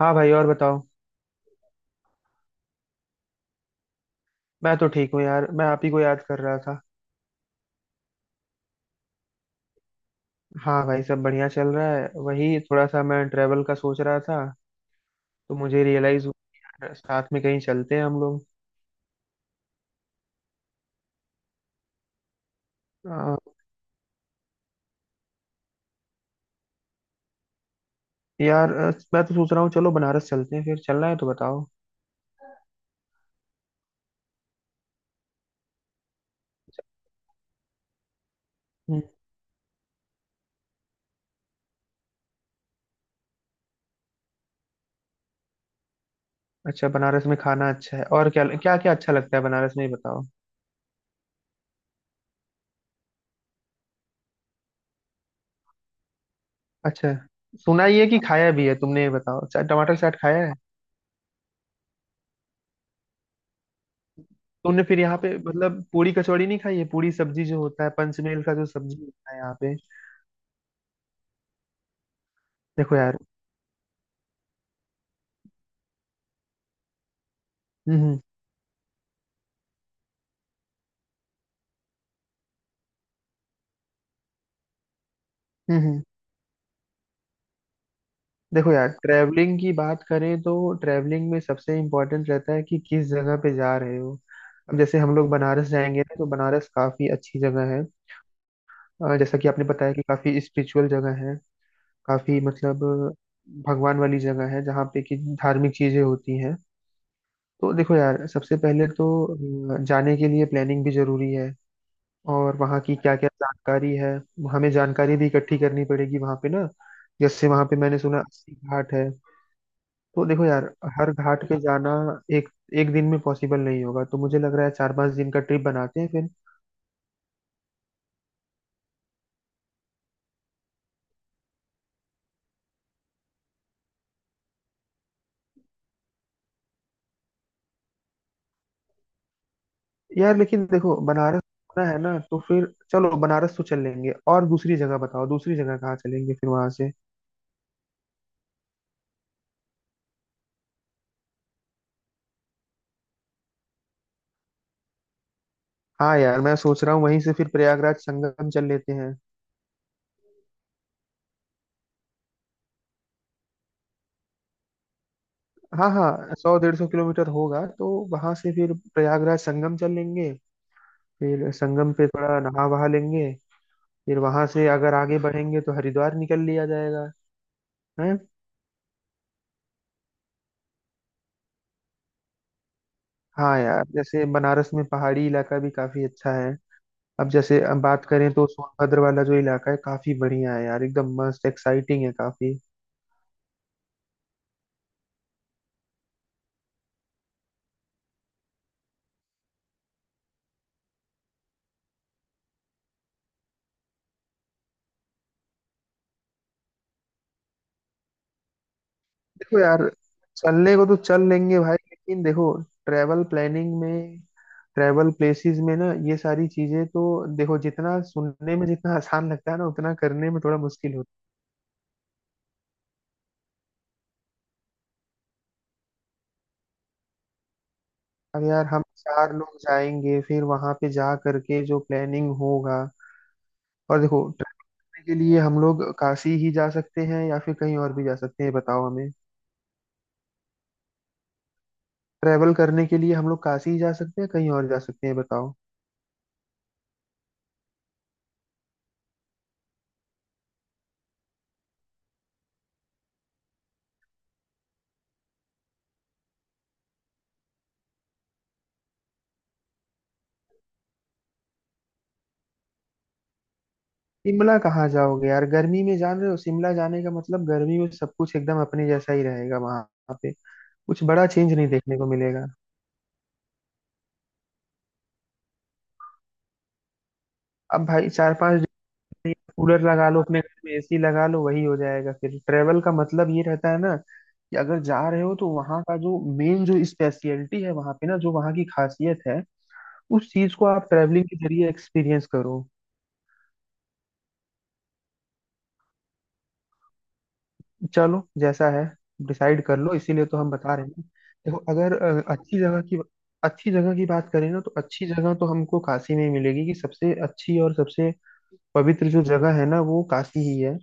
हाँ भाई, और बताओ। मैं तो ठीक हूँ यार, मैं आप ही को याद कर रहा था। हाँ भाई, सब बढ़िया चल रहा है। वही थोड़ा सा मैं ट्रेवल का सोच रहा था, तो मुझे रियलाइज हुआ, यार साथ में कहीं चलते हैं हम लोग। अ, यार, मैं तो सोच रहा हूँ, चलो बनारस चलते हैं। फिर चलना है तो बताओ। हम्म, अच्छा, बनारस में खाना अच्छा है। और क्या क्या क्या अच्छा लगता है बनारस में, ये बताओ। अच्छा, सुना ही है कि खाया भी है तुमने, ये बताओ अच्छा, टमाटर चाट खाया है तुमने? फिर यहाँ पे मतलब पूरी कचौड़ी नहीं खाई है, पूरी सब्जी जो होता है, पंचमेल का जो सब्जी होता है यहाँ पे। देखो यार, हम्म हम्म देखो यार, ट्रैवलिंग की बात करें तो ट्रैवलिंग में सबसे इम्पोर्टेंट रहता है कि किस जगह पे जा रहे हो। अब जैसे हम लोग बनारस जाएंगे ना, तो बनारस काफी अच्छी जगह है। जैसा कि आपने बताया कि काफी स्पिरिचुअल जगह है। काफी मतलब भगवान वाली जगह है, जहाँ पे कि धार्मिक चीजें होती हैं। तो देखो यार, सबसे पहले तो जाने के लिए प्लानिंग भी जरूरी है। और वहाँ की क्या क्या जानकारी है, हमें जानकारी भी इकट्ठी करनी पड़ेगी वहाँ पे ना। जैसे वहाँ पे मैंने सुना अस्सी घाट है। तो देखो यार, हर घाट पे जाना एक एक दिन में पॉसिबल नहीं होगा, तो मुझे लग रहा है 4-5 दिन का ट्रिप बनाते हैं फिर। यार लेकिन देखो, बनारस घूमना है ना, तो फिर चलो बनारस तो चल लेंगे। और दूसरी जगह बताओ, दूसरी जगह कहाँ चलेंगे फिर वहां से। हाँ यार, मैं सोच रहा हूँ वहीं से फिर प्रयागराज संगम चल लेते हैं। हाँ हाँ, 100-150 किलोमीटर होगा, तो वहां से फिर प्रयागराज संगम चल लेंगे। फिर संगम पे थोड़ा नहा वहा लेंगे। फिर वहां से अगर आगे बढ़ेंगे तो हरिद्वार निकल लिया जाएगा, है? हाँ यार, जैसे बनारस में पहाड़ी इलाका भी काफी अच्छा है। अब जैसे अब बात करें तो सोनभद्र वाला जो इलाका है काफी बढ़िया है यार, एकदम मस्त एक्साइटिंग है काफी। देखो यार, चलने को तो चल लेंगे भाई, लेकिन देखो, ट्रैवल प्लानिंग में, ट्रैवल प्लेसेस में ना, ये सारी चीजें तो देखो, जितना सुनने में जितना आसान लगता है ना, उतना करने में थोड़ा मुश्किल होता है। अब यार, हम चार लोग जाएंगे फिर वहां पे जा करके जो प्लानिंग होगा। और देखो, के लिए हम लोग काशी ही जा सकते हैं या फिर कहीं और भी जा सकते हैं, ये बताओ हमें। ट्रैवल करने के लिए हम लोग काशी ही जा सकते हैं, कहीं और जा सकते हैं, ये बताओ। शिमला कहाँ जाओगे यार, गर्मी में जान रहे हो? शिमला जाने का मतलब गर्मी में सब कुछ एकदम अपने जैसा ही रहेगा वहां पे। कुछ बड़ा चेंज नहीं देखने को मिलेगा। अब भाई 4-5 दिन कूलर लगा लो अपने घर में, एसी लगा लो, वही हो जाएगा। फिर ट्रैवल का मतलब ये रहता है ना कि अगर जा रहे हो, तो वहाँ का जो मेन, जो स्पेशलिटी है वहाँ पे ना, जो वहाँ की खासियत है, उस चीज को आप ट्रैवलिंग के जरिए एक्सपीरियंस करो। चलो जैसा है डिसाइड कर लो, इसीलिए तो हम बता रहे हैं। देखो, अगर अच्छी जगह की, अच्छी जगह की बात करें ना, तो अच्छी जगह तो हमको काशी में ही मिलेगी। कि सबसे अच्छी और सबसे पवित्र जो जगह है ना वो काशी ही है।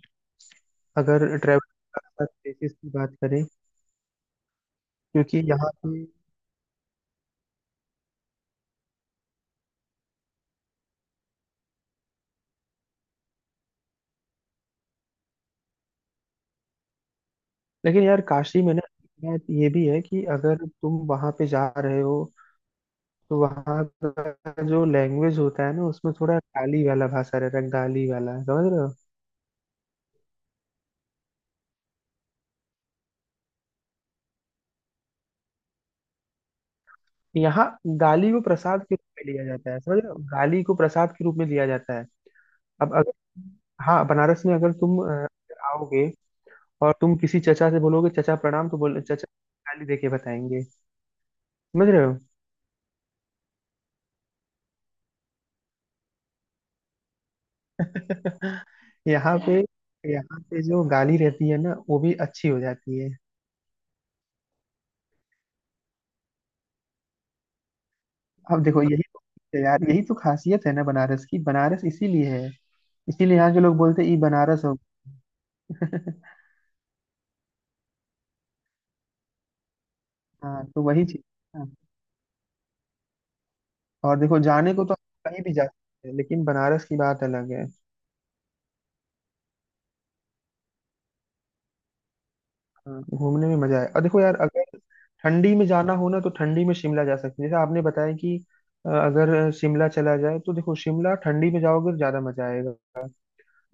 अगर ट्रैवल प्लेसेस की बात करें, क्योंकि यहाँ पे, लेकिन यार काशी में ना एक बात ये भी है कि अगर तुम वहां पे जा रहे हो, तो वहाँ का जो लैंग्वेज होता है ना, उसमें थोड़ा गाली वाला भाषा रहता है, गाली वाला समझ रहे हो? यहाँ गाली को प्रसाद के रूप में लिया जाता है, समझ रहे हो? गाली को प्रसाद के रूप में लिया जाता है। अब अगर हाँ, बनारस में अगर तुम आओगे और तुम किसी चचा से बोलोगे चचा प्रणाम, तो बोल चचा गाली देके बताएंगे, समझ रहे हो? यहाँ पे, यहाँ पे जो गाली रहती है ना, वो भी अच्छी हो जाती है। अब देखो, यही तो यार, यही तो खासियत है ना बनारस की। बनारस इसीलिए है, इसीलिए यहाँ के लोग बोलते हैं, "ई बनारस हो गया।" हाँ, तो वही चीज। हाँ। और देखो, जाने को तो आप कहीं भी जा सकते हैं, लेकिन बनारस की बात अलग है। हाँ, घूमने में मजा है। और देखो यार, अगर ठंडी में जाना हो ना, तो ठंडी में शिमला जा सकते हैं, जैसे आपने बताया कि अगर शिमला चला जाए तो देखो, शिमला ठंडी में जाओगे तो ज्यादा मजा आएगा।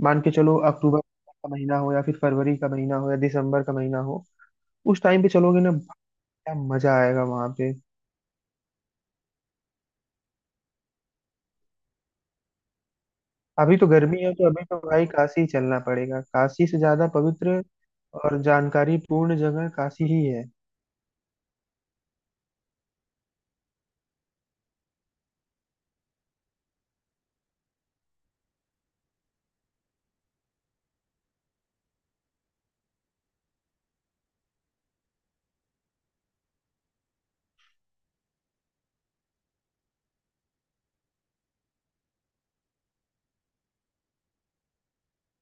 मान के चलो, अक्टूबर का महीना हो या फिर फरवरी का महीना हो या दिसंबर का महीना हो, उस टाइम पे चलोगे ना, क्या मजा आएगा वहां पे। अभी तो गर्मी है, तो अभी तो भाई काशी ही चलना पड़ेगा। काशी से ज्यादा पवित्र और जानकारी पूर्ण जगह काशी ही है।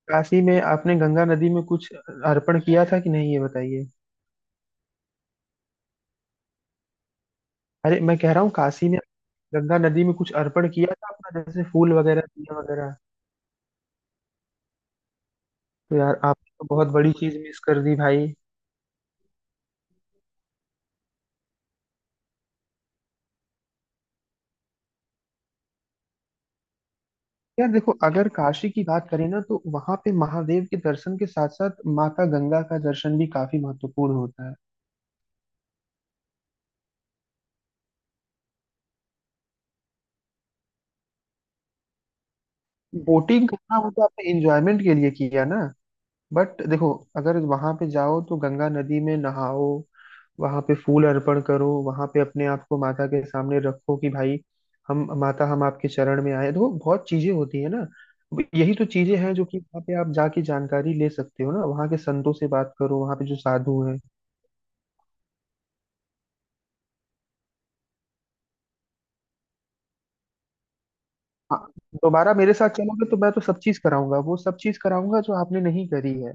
काशी में आपने गंगा नदी में कुछ अर्पण किया था कि नहीं, ये बताइए? अरे, मैं कह रहा हूँ काशी में गंगा नदी में कुछ अर्पण किया था आपने? जैसे फूल वगैरह दिया वगैरह। तो यार, आपने तो बहुत बड़ी चीज मिस कर दी भाई। यार देखो, अगर काशी की बात करें ना, तो वहां पे महादेव के दर्शन के साथ साथ माता गंगा का दर्शन भी काफी महत्वपूर्ण होता है। बोटिंग करना वो तो आपने एंजॉयमेंट के लिए किया ना, बट देखो, अगर वहां पे जाओ तो गंगा नदी में नहाओ, वहां पे फूल अर्पण करो, वहां पे अपने आप को माता के सामने रखो कि भाई हम माता, हम आपके चरण में आए। देखो, बहुत चीजें होती है ना। अब यही तो चीजें हैं जो कि वहां पे आप जाके जानकारी ले सकते हो ना, वहां के संतों से बात करो, वहां पे जो साधु हैं। हाँ, दोबारा मेरे साथ चलोगे तो मैं तो सब चीज कराऊंगा, वो सब चीज कराऊंगा जो आपने नहीं करी है।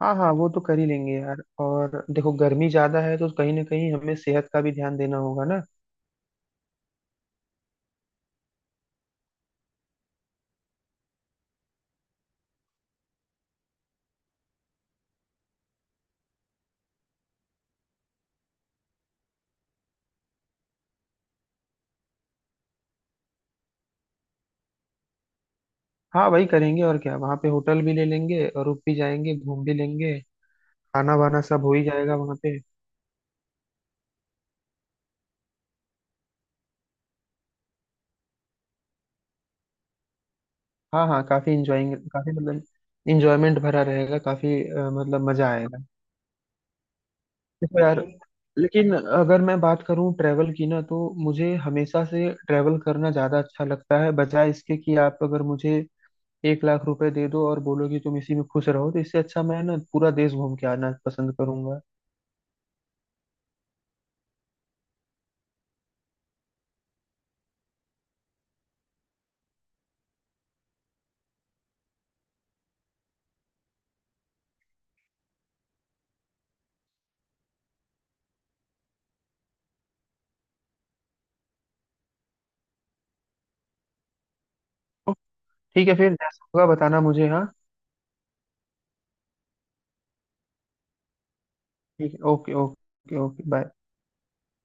हाँ हाँ, वो तो कर ही लेंगे यार। और देखो, गर्मी ज्यादा है तो कहीं ना कहीं हमें सेहत का भी ध्यान देना होगा ना। हाँ, वही करेंगे और क्या, वहाँ पे होटल भी ले लेंगे और रुक भी जाएंगे, घूम भी लेंगे। खाना वाना सब हो ही जाएगा वहाँ पे। हाँ हाँ, काफी इंजॉइंग, काफी मतलब इंजॉयमेंट भरा रहेगा। काफी मतलब मजा आएगा। देखो यार, लेकिन अगर मैं बात करूँ ट्रैवल की ना, तो मुझे हमेशा से ट्रैवल करना ज्यादा अच्छा लगता है, बजाय इसके कि आप अगर मुझे 1,00,000 रुपए दे दो और बोलो कि तुम इसी में खुश रहो, तो इससे अच्छा मैं ना पूरा देश घूम के आना पसंद करूंगा। ठीक है, फिर जैसा होगा बताना मुझे, हाँ। ठीक है, ओके ओके ओके, बाय।